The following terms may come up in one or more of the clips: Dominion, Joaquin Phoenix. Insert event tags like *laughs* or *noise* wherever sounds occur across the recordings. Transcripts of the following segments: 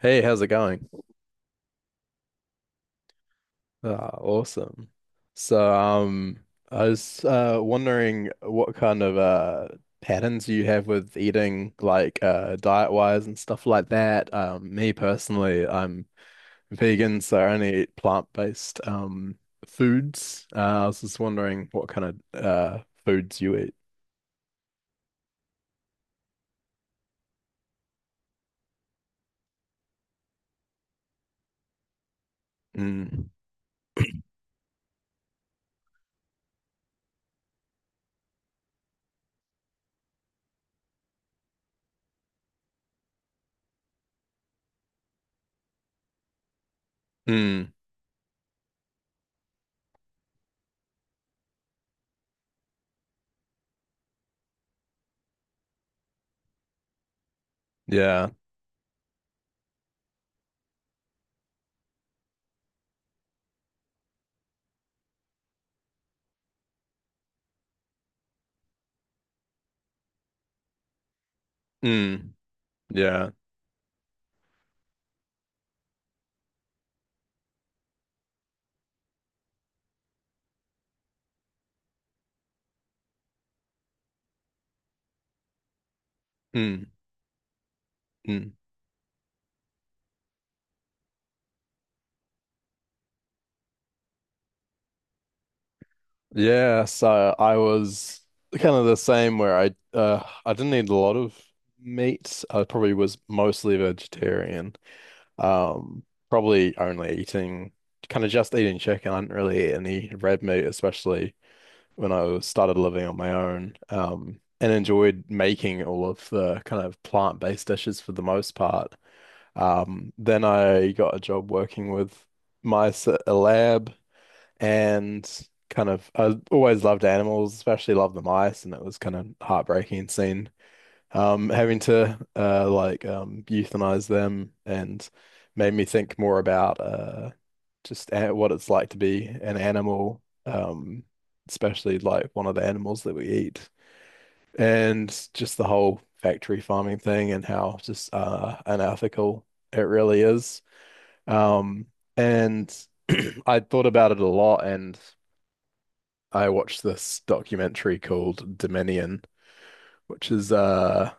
Hey, how's it going? Ah, awesome. So, um, I was wondering what kind of patterns you have with eating, like diet-wise and stuff like that. Me personally, I'm vegan, so I only eat plant-based foods. I was just wondering what kind of foods you eat. Mm. Mm. Yeah. Mm. Yeah. Mm. Mm. Yeah, so I was kind of the same where I didn't eat a lot of meat. I probably was mostly vegetarian. Um, Probably only eating kind of just eating chicken. I didn't really eat any red meat, especially started living on my own. And enjoyed making all of the kind of plant-based dishes for the most part. Then I got a job working with mice at a lab and kind of I always loved animals, especially loved the mice, and it was kind of heartbreaking seeing having to like euthanize them and made me think more about what it's like to be an animal, especially like one of the animals that we eat and just the whole factory farming thing and how just unethical it really is. Um and *clears throat* I thought about it a lot and I watched this documentary called Dominion, which is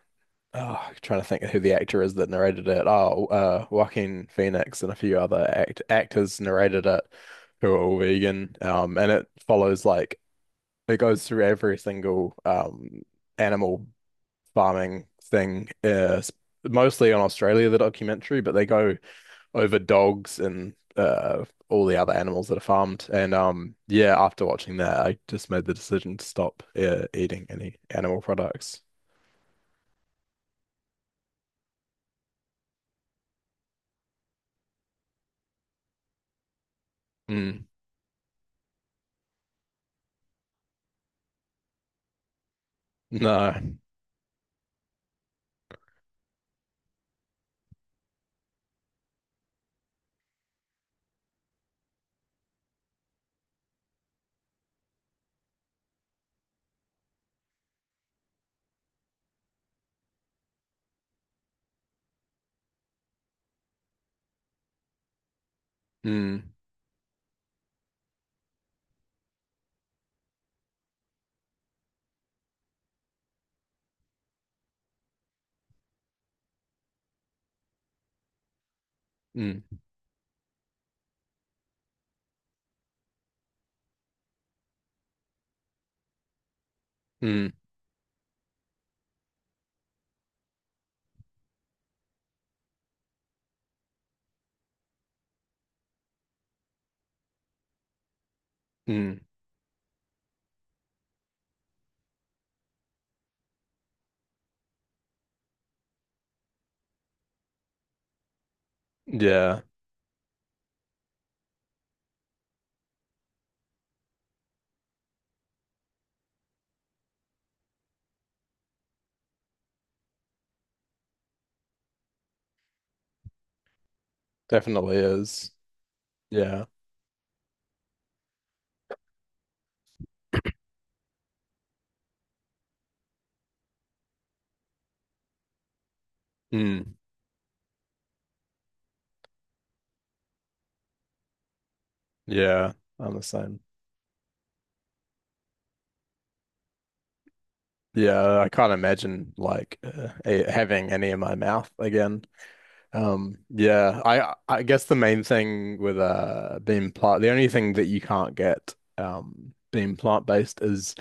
oh, I'm trying to think of who the actor is that narrated it. Oh, Joaquin Phoenix and a few other actors narrated it who are all vegan. And It follows like it goes through every single animal farming thing mostly on Australia the documentary, but they go over dogs and all the other animals that are farmed. And Yeah, after watching that, I just made the decision to stop eating any animal products. Mm, no. Mm, mm, mm, mm. Yeah, definitely is. Yeah. Mm, yeah, I'm the same. Yeah, I can't imagine like having any in my mouth again. Yeah, I guess the main thing with the only thing that you can't get being plant based is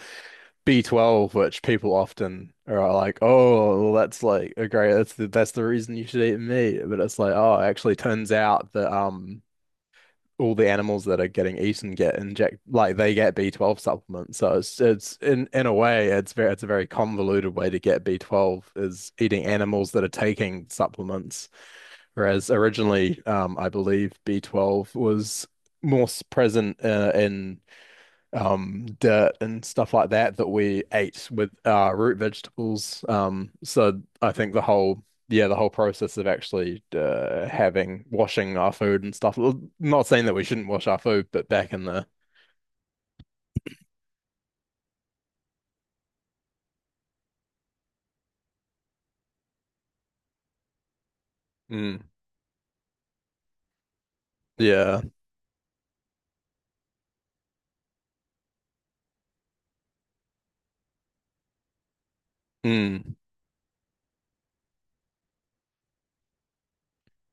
B12, which people often are like, oh, well, that's like that's the reason you should eat meat. But it's like, oh, it actually turns out that all the animals that are getting eaten get inject like they get B12 supplements. So it's in a way it's very it's a very convoluted way to get B12 is eating animals that are taking supplements. Whereas originally, I believe B12 was more present in dirt and stuff like that that we ate with root vegetables. So I think the whole yeah the whole process of actually having washing our food and stuff. Well, not saying that we shouldn't wash our food, but back in the Mm. Yeah, mm,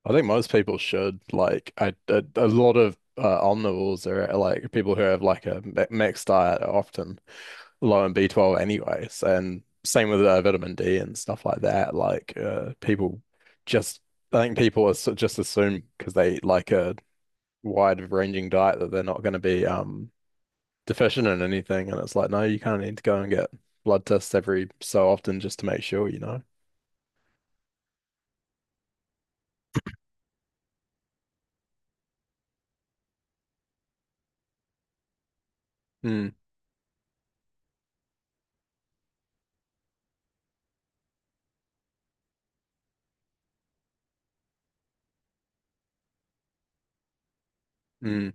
I think most people should like I a lot of omnivores are like people who have like mixed diet often low in B12 anyways. And same with vitamin D and stuff like that. Like just, I think just assume because they eat like a wide ranging diet that they're not going to be deficient in anything. And it's like, no, you kind of need to go and get blood tests every so often just to make sure, you know? Mm, mm,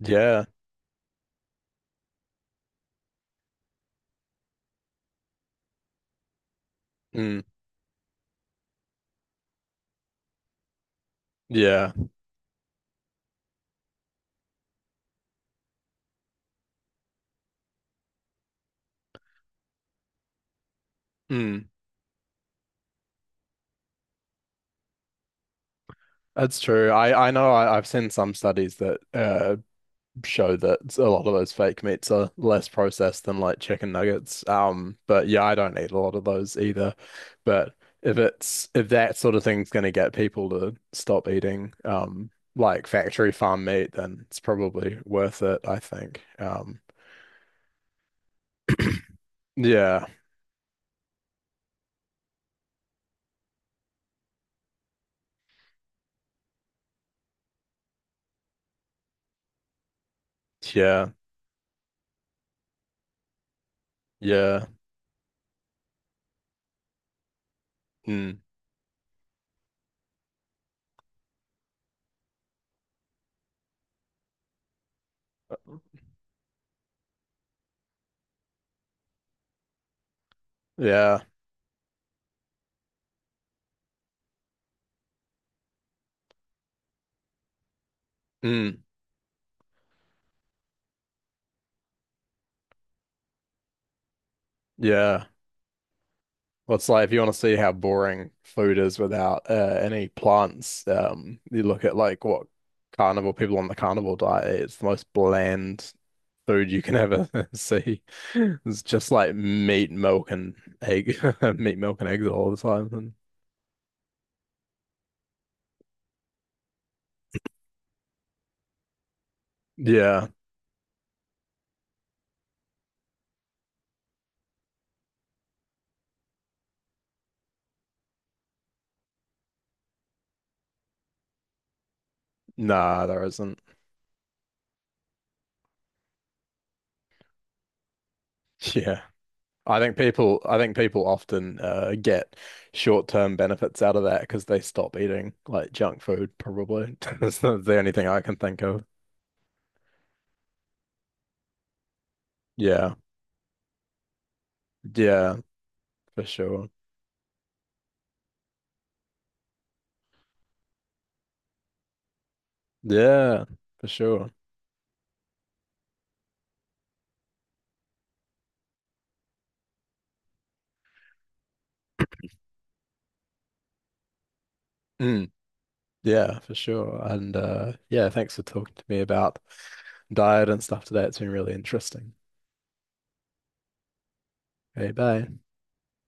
yeah. Mm, yeah. Mm. That's true. I know I've seen some studies that show that a lot of those fake meats are less processed than like chicken nuggets. But yeah, I don't eat a lot of those either. But if that sort of thing's going to get people to stop eating like factory farm meat, then it's probably worth it, I think. Yeah, yeah, yeah, mm, yeah, mm, yeah. Well, it's like if you want to see how boring food is without any plants, you look at like what carnivore people on the carnivore diet eat. It's the most bland food you can ever *laughs* see. It's just like meat, milk, and egg, *laughs* meat, milk, and eggs all the time. And yeah, nah, there isn't. *laughs* Yeah. I think people often get short-term benefits out of that because they stop eating like junk food, probably. *laughs* That's the only thing I can think of. Yeah. Yeah, for sure. Yeah, for sure. Mm, yeah, for sure. And yeah, thanks for talking to me about diet and stuff today. It's been really interesting. Hey, bye.